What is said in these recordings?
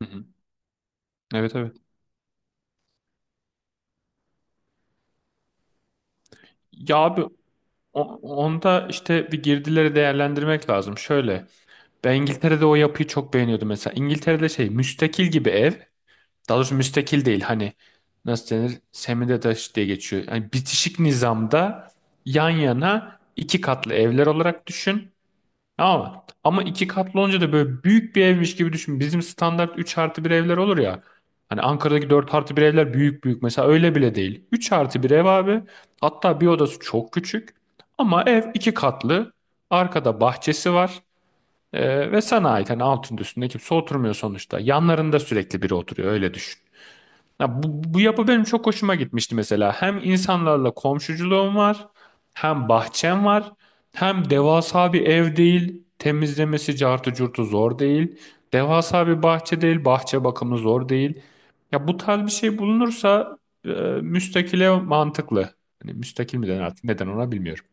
Hı hı. Evet evet. Ya abi, onda işte bir girdileri değerlendirmek lazım. Şöyle, ben İngiltere'de o yapıyı çok beğeniyordum mesela. İngiltere'de şey müstakil gibi ev. Daha doğrusu müstakil değil, hani nasıl denir? Semi-detached diye geçiyor. Yani bitişik nizamda yan yana iki katlı evler olarak düşün. Ama iki katlı olunca da böyle büyük bir evmiş gibi düşün. Bizim standart 3 artı bir evler olur ya. Hani Ankara'daki 4 artı bir evler büyük büyük. Mesela öyle bile değil. 3 artı bir ev abi. Hatta bir odası çok küçük. Ama ev iki katlı. Arkada bahçesi var. Ve sana ait. Hani altında üstünde kimse oturmuyor sonuçta. Yanlarında sürekli biri oturuyor. Öyle düşün. Ya bu yapı benim çok hoşuma gitmişti mesela. Hem insanlarla komşuculuğum var, hem bahçem var, hem devasa bir ev değil, temizlemesi cartı curtu zor değil, devasa bir bahçe değil, bahçe bakımı zor değil. Ya bu tarz bir şey bulunursa e, müstakile mantıklı. Hani müstakil mi denir artık, neden ona bilmiyorum.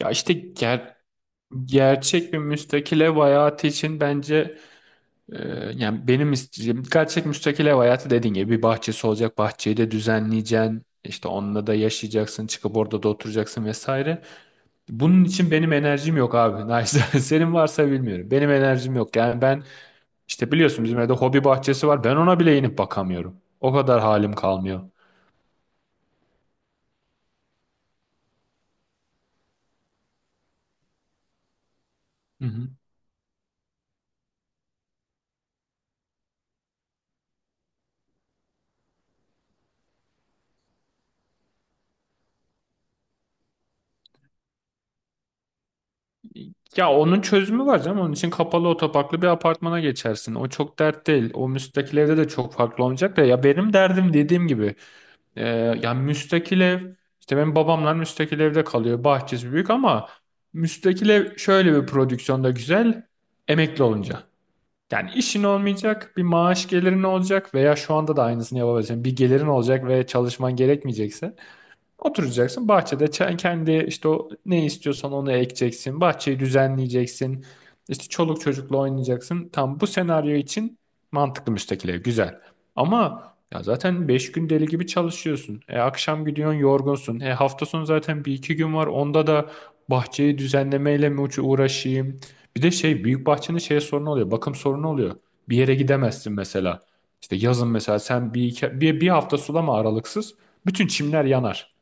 Ya işte gerçek bir müstakil ev hayatı için bence, Ee, yani benim isteyeceğim dikkat çek müstakil ev hayatı dediğin gibi bir bahçesi olacak, bahçeyi de düzenleyeceksin, işte onunla da yaşayacaksın, çıkıp orada da oturacaksın vesaire. Bunun için benim enerjim yok abi. Neyse, senin varsa bilmiyorum. Benim enerjim yok. Yani ben işte biliyorsun bizim evde hobi bahçesi var. Ben ona bile inip bakamıyorum. O kadar halim kalmıyor. Hı hı. Ya onun çözümü var canım. Onun için kapalı otoparklı bir apartmana geçersin. O çok dert değil. O müstakil evde de çok farklı olmayacak da, ya benim derdim dediğim gibi. Ee, Yani müstakil ev, işte benim babamlar müstakil evde kalıyor. Bahçesi büyük ama müstakil ev şöyle bir prodüksiyonda güzel: emekli olunca. Yani işin olmayacak, bir maaş gelirin olacak veya şu anda da aynısını yapabilirsin. Bir gelirin olacak ve çalışman gerekmeyecekse oturacaksın bahçede, kendi işte o ne istiyorsan onu ekeceksin. Bahçeyi düzenleyeceksin. İşte çoluk çocukla oynayacaksın. Tam bu senaryo için mantıklı, müstakil ev güzel. Ama ya zaten 5 gün deli gibi çalışıyorsun. Akşam gidiyorsun, yorgunsun. Hafta sonu zaten bir iki gün var. Onda da bahçeyi düzenlemeyle mi uğraşayım? Bir de şey, büyük bahçenin şey sorunu oluyor. Bakım sorunu oluyor. Bir yere gidemezsin mesela. İşte yazın mesela sen bir, iki, bir hafta sulama aralıksız. Bütün çimler yanar.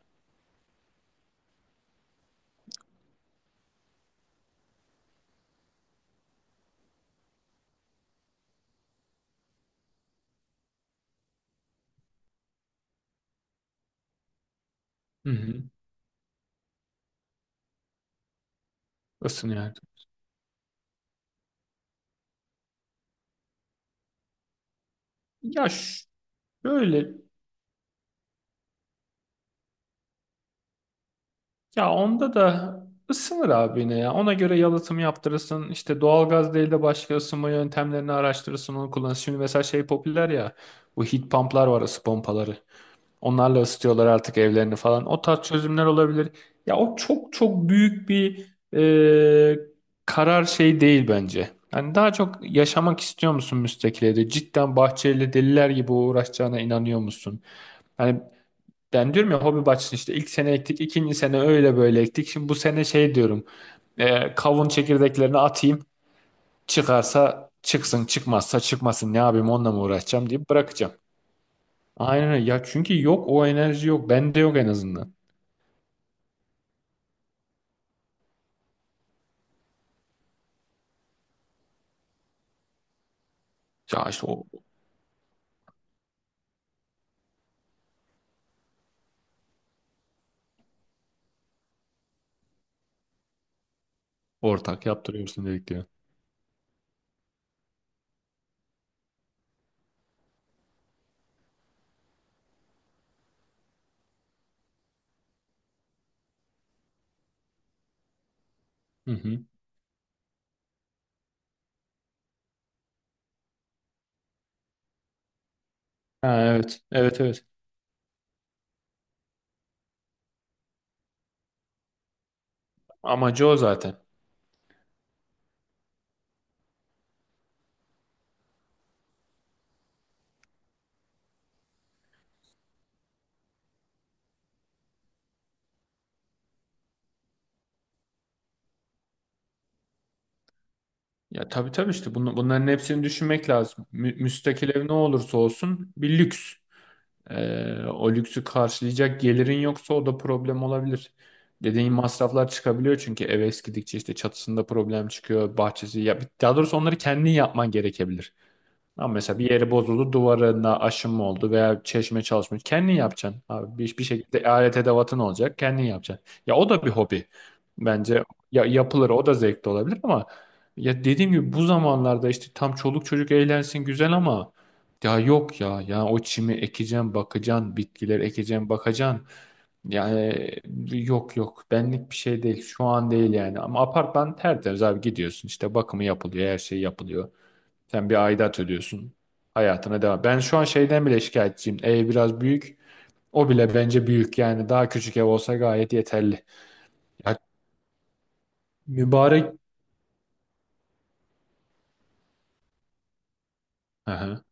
Hı hı. Isınıyor. Ya şöyle, ya onda da ısınır abi yine ya. Ona göre yalıtım yaptırırsın. İşte doğalgaz değil de başka ısınma yöntemlerini araştırırsın, onu kullanırsın. Şimdi mesela şey popüler ya, bu heat pump'lar var, ısı pompaları. Onlarla ısıtıyorlar artık evlerini falan. O tarz çözümler olabilir. Ya o çok çok büyük bir e, karar şey değil bence. Yani daha çok yaşamak istiyor musun müstakil evde? Cidden bahçeyle deliler gibi uğraşacağına inanıyor musun? Yani ben diyorum ya, hobi bahçesi işte ilk sene ektik, ikinci sene öyle böyle ektik. Şimdi bu sene şey diyorum, kavun çekirdeklerini atayım. Çıkarsa çıksın, çıkmazsa çıkmasın. Ne yapayım, onunla mı uğraşacağım deyip bırakacağım. Aynen öyle. Ya çünkü yok, o enerji yok. Bende yok en azından. Ya işte o, ortak yaptırıyorsun dedik diyor. Hı hı. Ha, evet, evet, evet. Amacı o zaten. Ya tabii tabii, işte bunların hepsini düşünmek lazım. Müstakil ev ne olursa olsun bir lüks. O lüksü karşılayacak gelirin yoksa o da problem olabilir. Dediğin masraflar çıkabiliyor çünkü ev eskidikçe işte çatısında problem çıkıyor, bahçesi, ya daha doğrusu onları kendin yapman gerekebilir. Ama mesela bir yeri bozuldu, duvarına aşınma oldu veya çeşme çalışmıyor. Kendin yapacaksın abi. Bir şekilde alet edevatın olacak. Kendin yapacaksın. Ya o da bir hobi. Bence ya, yapılır. O da zevkli olabilir ama ya dediğim gibi, bu zamanlarda işte tam çoluk çocuk eğlensin güzel ama ya yok ya. Ya o çimi ekeceğim, bakacaksın. Bitkiler ekeceğim, bakacaksın. Yani yok yok. Benlik bir şey değil. Şu an değil yani. Ama apartman tertemiz abi, gidiyorsun, işte bakımı yapılıyor. Her şey yapılıyor. Sen bir aidat ödüyorsun. Hayatına devam. Ben şu an şeyden bile şikayetçiyim. Ev biraz büyük. O bile bence büyük. Yani daha küçük ev olsa gayet yeterli. Ya mübarek... Hı hı.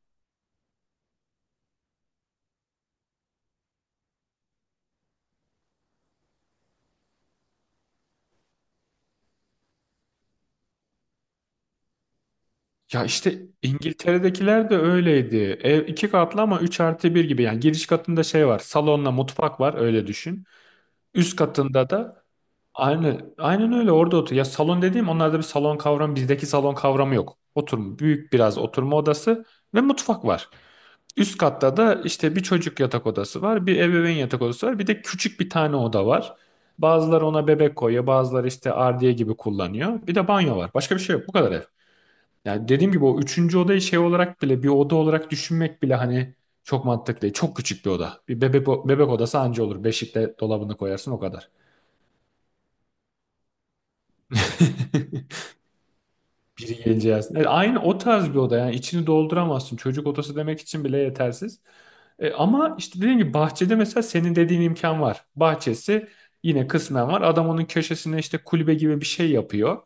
Ya işte İngiltere'dekiler de öyleydi. Ev iki katlı ama 3 artı bir gibi. Yani giriş katında şey var. Salonla mutfak var, öyle düşün. Üst katında da aynı aynen öyle, orada otur. Ya salon dediğim, onlarda bir salon kavramı, bizdeki salon kavramı yok. Oturma, büyük biraz oturma odası ve mutfak var. Üst katta da işte bir çocuk yatak odası var, bir ebeveyn yatak odası var, bir de küçük bir tane oda var. Bazıları ona bebek koyuyor, bazıları işte ardiye gibi kullanıyor. Bir de banyo var. Başka bir şey yok. Bu kadar ev. Yani dediğim gibi o üçüncü odayı şey olarak bile, bir oda olarak düşünmek bile hani çok mantıklı değil. Çok küçük bir oda. Bir bebek odası anca olur. Beşikte dolabını koyarsın o kadar. Biri geleceği aslında. Aynı o tarz bir oda, yani içini dolduramazsın. Çocuk odası demek için bile yetersiz. Ama işte dediğim gibi, bahçede mesela senin dediğin imkan var. Bahçesi yine kısmen var. Adam onun köşesine işte kulübe gibi bir şey yapıyor.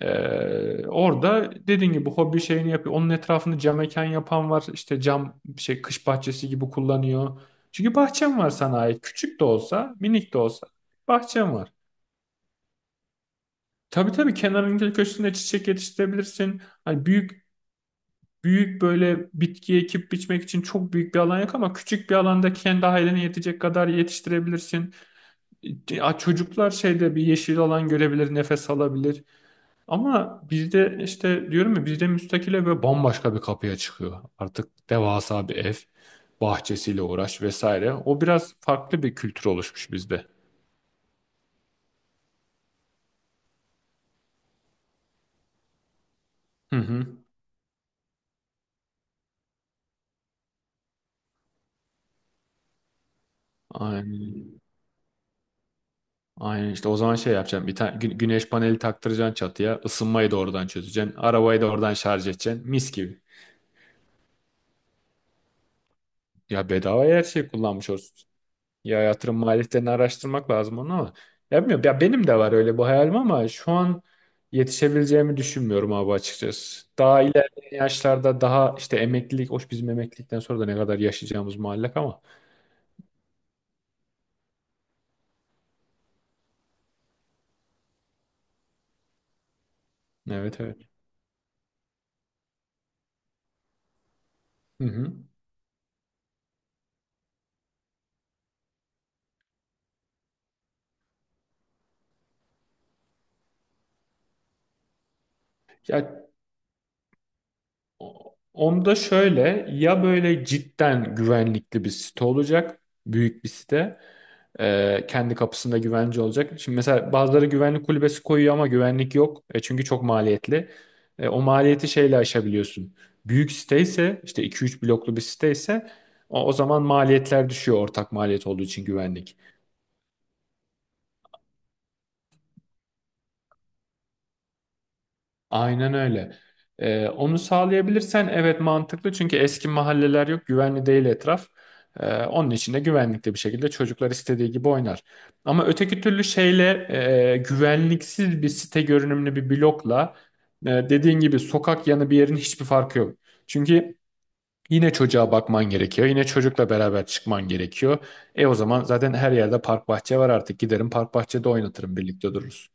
Orada dediğin gibi hobi şeyini yapıyor. Onun etrafını cam mekan yapan var. İşte cam şey, kış bahçesi gibi kullanıyor. Çünkü bahçem var, sana ait. Küçük de olsa, minik de olsa, bahçem var. Tabii tabii, kenarın köşesinde çiçek yetiştirebilirsin. Hani büyük büyük böyle bitki ekip biçmek için çok büyük bir alan yok ama küçük bir alanda kendi ailene yetecek kadar yetiştirebilirsin. Ya çocuklar şeyde bir yeşil alan görebilir, nefes alabilir. Ama bizde işte diyorum ya, bizde müstakile ve bambaşka bir kapıya çıkıyor. Artık devasa bir ev, bahçesiyle uğraş vesaire. O biraz farklı bir kültür oluşmuş bizde. Hı hı. Aynen. Aynen işte o zaman şey yapacağım. Bir tane güneş paneli taktıracaksın çatıya. Isınmayı da oradan çözeceksin. Arabayı da oradan şarj edeceksin. Mis gibi. Ya bedavaya her şeyi kullanmış olsun. Ya yatırım maliyetlerini araştırmak lazım onu ama. Ya bilmiyorum. Ya benim de var öyle bu hayalim ama şu an yetişebileceğimi düşünmüyorum abi açıkçası. Daha ilerleyen yaşlarda daha işte emeklilik, hoş bizim emeklilikten sonra da ne kadar yaşayacağımız muallak ama. Evet evet. Hı hı. Ya onda şöyle, ya böyle cidden güvenlikli bir site olacak. Büyük bir site. Kendi kapısında güvence olacak. Şimdi mesela bazıları güvenlik kulübesi koyuyor ama güvenlik yok. Çünkü çok maliyetli. O maliyeti şeyle aşabiliyorsun. Büyük site ise, işte 2-3 bloklu bir site ise, o zaman maliyetler düşüyor, ortak maliyet olduğu için güvenlik. Aynen öyle. Onu sağlayabilirsen evet mantıklı, çünkü eski mahalleler yok, güvenli değil etraf. Onun için de güvenlikli bir şekilde çocuklar istediği gibi oynar. Ama öteki türlü şeyle, güvenliksiz bir site görünümlü bir blokla, dediğin gibi sokak yanı bir yerin hiçbir farkı yok. Çünkü yine çocuğa bakman gerekiyor. Yine çocukla beraber çıkman gerekiyor. O zaman zaten her yerde park bahçe var artık. Giderim park bahçede oynatırım, birlikte dururuz.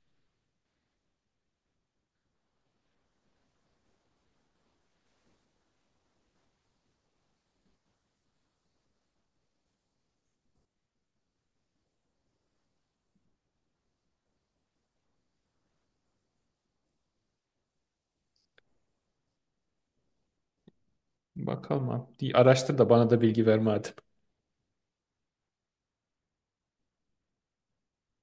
Bakalım abi. İyi, araştır da bana da bilgi verme hadi.